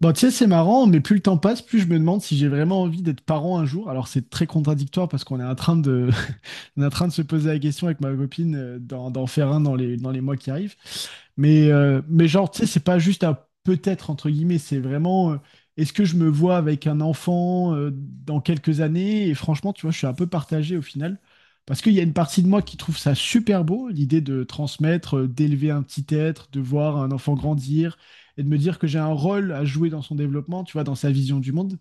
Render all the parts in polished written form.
Bon, tu sais, c'est marrant, mais plus le temps passe, plus je me demande si j'ai vraiment envie d'être parent un jour. Alors, c'est très contradictoire parce qu'on est en train de, on est en train de se poser la question avec ma copine d'en faire un dans les mois qui arrivent. Mais genre, tu sais, c'est pas juste un peut-être, entre guillemets, c'est vraiment, est-ce que je me vois avec un enfant dans quelques années? Et franchement, tu vois, je suis un peu partagé au final, parce qu'il y a une partie de moi qui trouve ça super beau, l'idée de transmettre, d'élever un petit être, de voir un enfant grandir, et de me dire que j'ai un rôle à jouer dans son développement, tu vois, dans sa vision du monde.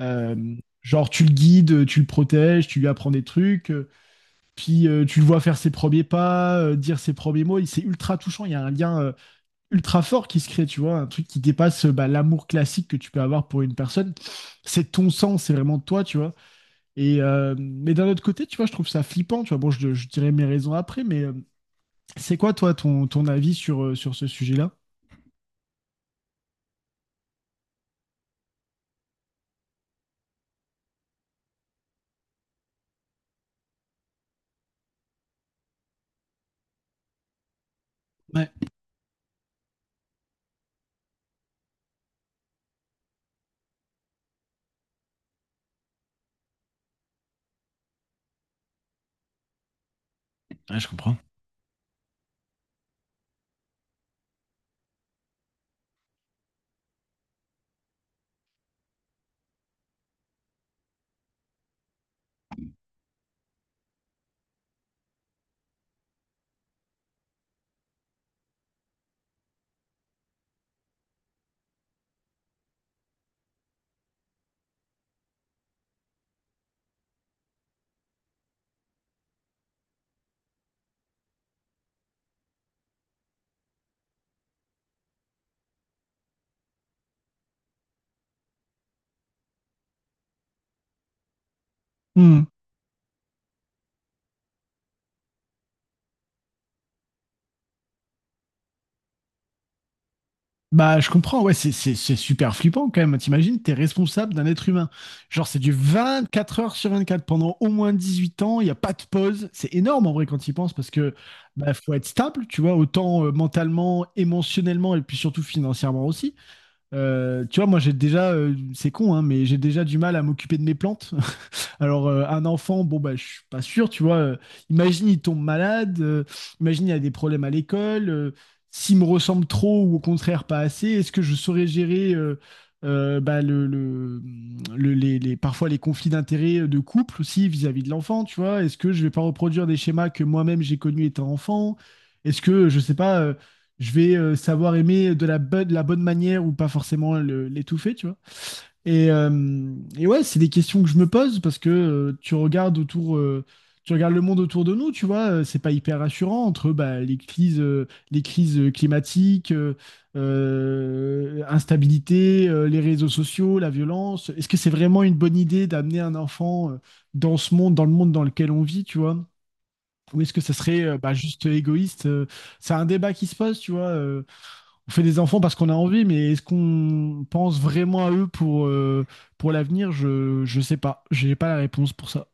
Euh, genre, tu le guides, tu le protèges, tu lui apprends des trucs, puis tu le vois faire ses premiers pas, dire ses premiers mots, et c'est ultra touchant, il y a un lien ultra fort qui se crée, tu vois, un truc qui dépasse bah, l'amour classique que tu peux avoir pour une personne. C'est ton sang, c'est vraiment toi, tu vois. Mais d'un autre côté, tu vois, je trouve ça flippant, tu vois. Bon, je dirais mes raisons après, mais c'est quoi toi ton avis sur, sur ce sujet-là? Ouais. Ouais, je comprends. Hmm. Bah, je comprends, ouais, c'est super flippant quand même. T'imagines, t'es responsable d'un être humain. Genre, c'est du 24 heures sur 24 pendant au moins 18 ans, il n'y a pas de pause. C'est énorme en vrai quand tu y penses parce que bah, faut être stable, tu vois, autant mentalement, émotionnellement et puis surtout financièrement aussi. Tu vois, moi j'ai déjà, c'est con, hein, mais j'ai déjà du mal à m'occuper de mes plantes. Alors, un enfant, bon, bah, je suis pas sûr, tu vois. Imagine, il tombe malade, imagine, il a des problèmes à l'école, s'il me ressemble trop ou au contraire pas assez, est-ce que je saurais gérer euh, bah, le, le- parfois les conflits d'intérêts de couple aussi vis-à-vis de l'enfant, tu vois? Est-ce que je vais pas reproduire des schémas que moi-même j'ai connus étant enfant? Est-ce que, je sais pas, je vais savoir aimer de de la bonne manière ou pas forcément l'étouffer, tu vois? Et ouais, c'est des questions que je me pose parce que tu regardes autour, tu regardes le monde autour de nous, tu vois, c'est pas hyper rassurant entre bah, les crises climatiques, instabilité, les réseaux sociaux, la violence. Est-ce que c'est vraiment une bonne idée d'amener un enfant dans ce monde, dans le monde dans lequel on vit, tu vois? Ou est-ce que ça serait bah, juste égoïste? C'est un débat qui se pose, tu vois. On fait des enfants parce qu'on a envie, mais est-ce qu'on pense vraiment à eux pour l'avenir? Je sais pas. J'ai pas la réponse pour ça.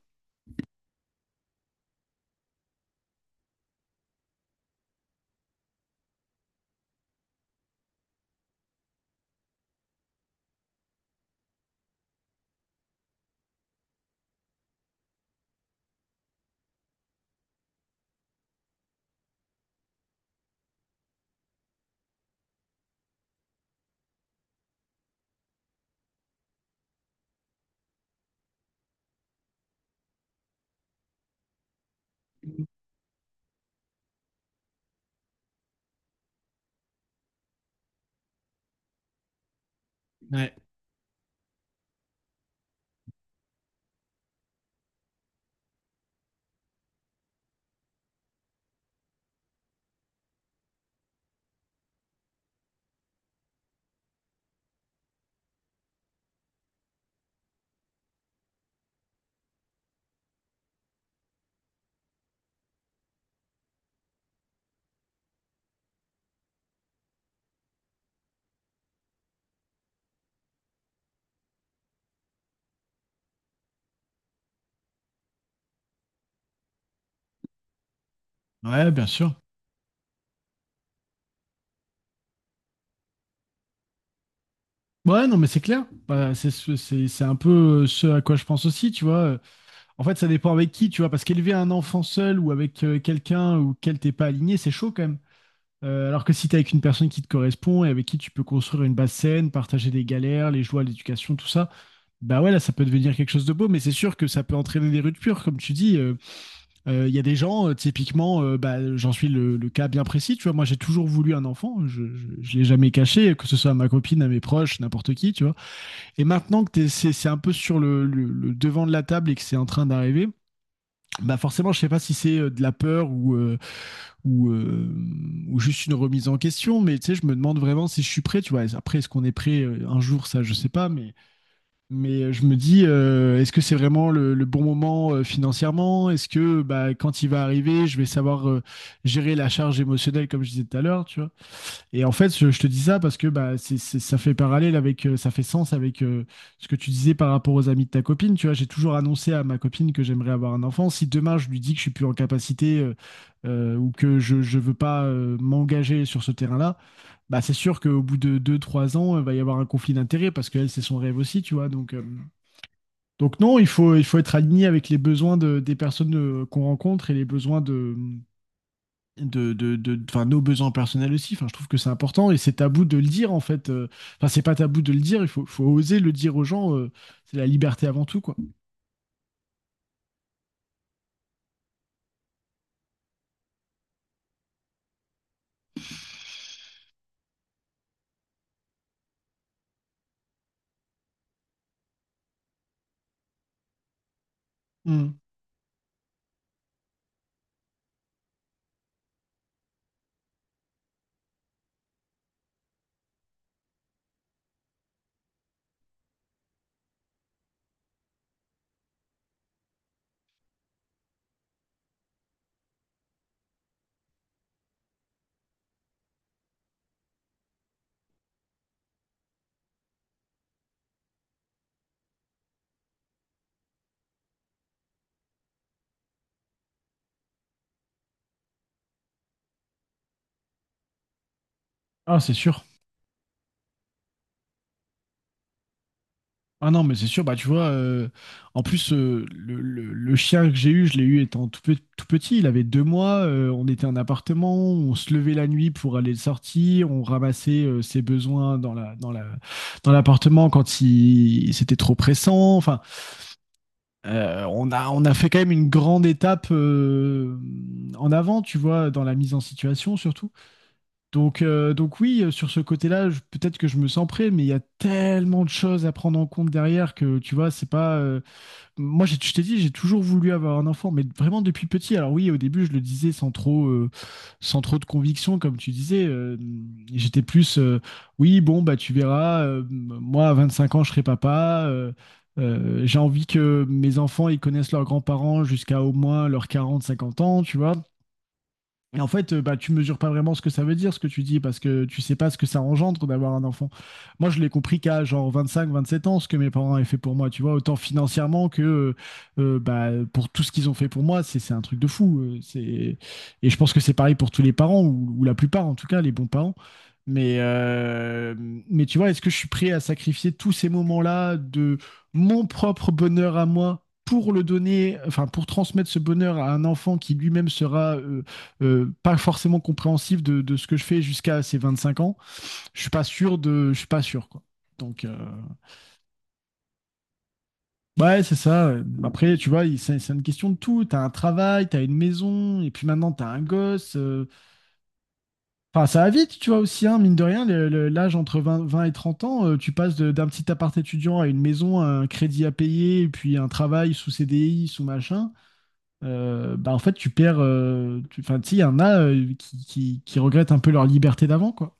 Ouais, bien sûr. Ouais, non, mais c'est clair. Bah, c'est un peu ce à quoi je pense aussi, tu vois. En fait, ça dépend avec qui, tu vois. Parce qu'élever un enfant seul ou avec quelqu'un auquel t'es pas aligné, c'est chaud quand même. Alors que si t'es avec une personne qui te correspond et avec qui tu peux construire une base saine, partager des galères, les joies, l'éducation, tout ça, bah ouais, là, ça peut devenir quelque chose de beau. Mais c'est sûr que ça peut entraîner des ruptures, comme tu dis. Il y a des gens, typiquement, bah, j'en suis le cas bien précis, tu vois, moi j'ai toujours voulu un enfant, je l'ai jamais caché, que ce soit à ma copine, à mes proches, n'importe qui, tu vois. Et maintenant que c'est un peu sur le devant de la table et que c'est en train d'arriver, bah forcément, je sais pas si c'est de la peur ou, euh, ou juste une remise en question, mais tu sais, je me demande vraiment si je suis prêt, tu vois. Après, est-ce qu'on est prêt un jour, ça, je sais pas, mais je me dis, est-ce que c'est vraiment le bon moment financièrement? Est-ce que bah, quand il va arriver, je vais savoir gérer la charge émotionnelle comme je disais tout à l'heure, tu vois? Et en fait, je te dis ça parce que bah, ça fait parallèle avec, ça fait sens avec ce que tu disais par rapport aux amis de ta copine, tu vois? J'ai toujours annoncé à ma copine que j'aimerais avoir un enfant. Si demain je lui dis que je suis plus en capacité ou que je ne veux pas m'engager sur ce terrain-là, bah, c'est sûr qu'au bout de deux, trois ans, il va y avoir un conflit d'intérêts parce qu'elle, c'est son rêve aussi, tu vois? Donc non, il faut être aligné avec les besoins des personnes qu'on rencontre et les besoins enfin, nos besoins personnels aussi. Enfin, je trouve que c'est important et c'est tabou de le dire en fait. Enfin, c'est pas tabou de le dire, faut oser le dire aux gens. C'est la liberté avant tout, quoi. Mm. Ah, c'est sûr. Ah non, mais c'est sûr, bah tu vois, en plus, le chien que j'ai eu, je l'ai eu étant tout petit, il avait deux mois, on était en appartement, on se levait la nuit pour aller le sortir, on ramassait ses besoins dans dans l'appartement quand il, c'était trop pressant, enfin, on a fait quand même une grande étape en avant, tu vois, dans la mise en situation surtout. Donc oui, sur ce côté-là, peut-être que je me sens prêt, mais il y a tellement de choses à prendre en compte derrière que tu vois, c'est pas. Moi, je t'ai dit, j'ai toujours voulu avoir un enfant, mais vraiment depuis petit. Alors oui, au début, je le disais sans trop, sans trop de conviction, comme tu disais. J'étais plus, oui, bon, bah tu verras. Moi, à 25 ans, je serai papa. J'ai envie que mes enfants, ils connaissent leurs grands-parents jusqu'à au moins leurs 40, 50 ans, tu vois. Et en fait, bah, tu mesures pas vraiment ce que ça veut dire, ce que tu dis, parce que tu sais pas ce que ça engendre d'avoir un enfant. Moi, je l'ai compris qu'à genre vingt cinq vingt sept ans, ce que mes parents avaient fait pour moi, tu vois, autant financièrement que bah, pour tout ce qu'ils ont fait pour moi, c'est un truc de fou. C'est... Et je pense que c'est pareil pour tous les parents, ou la plupart en tout cas, les bons parents. Mais, euh, mais tu vois, est-ce que je suis prêt à sacrifier tous ces moments-là de mon propre bonheur à moi pour le donner, enfin pour transmettre ce bonheur à un enfant qui lui-même sera pas forcément compréhensif de ce que je fais jusqu'à ces 25 ans, je suis pas sûr de, je suis pas sûr quoi. Donc ouais, c'est ça. Après, tu vois, c'est une question de tout. T'as un travail, t'as une maison, et puis maintenant t'as un gosse. Enfin, ça va vite, tu vois aussi, hein, mine de rien, l'âge entre 20 20 et 30 ans, tu passes d'un petit appart étudiant à une maison, à un crédit à payer, et puis un travail sous CDI, sous machin. Bah en fait, tu perds. Enfin, tu sais, il y en a qui regrettent un peu leur liberté d'avant, quoi.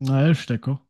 Ouais, je suis d'accord.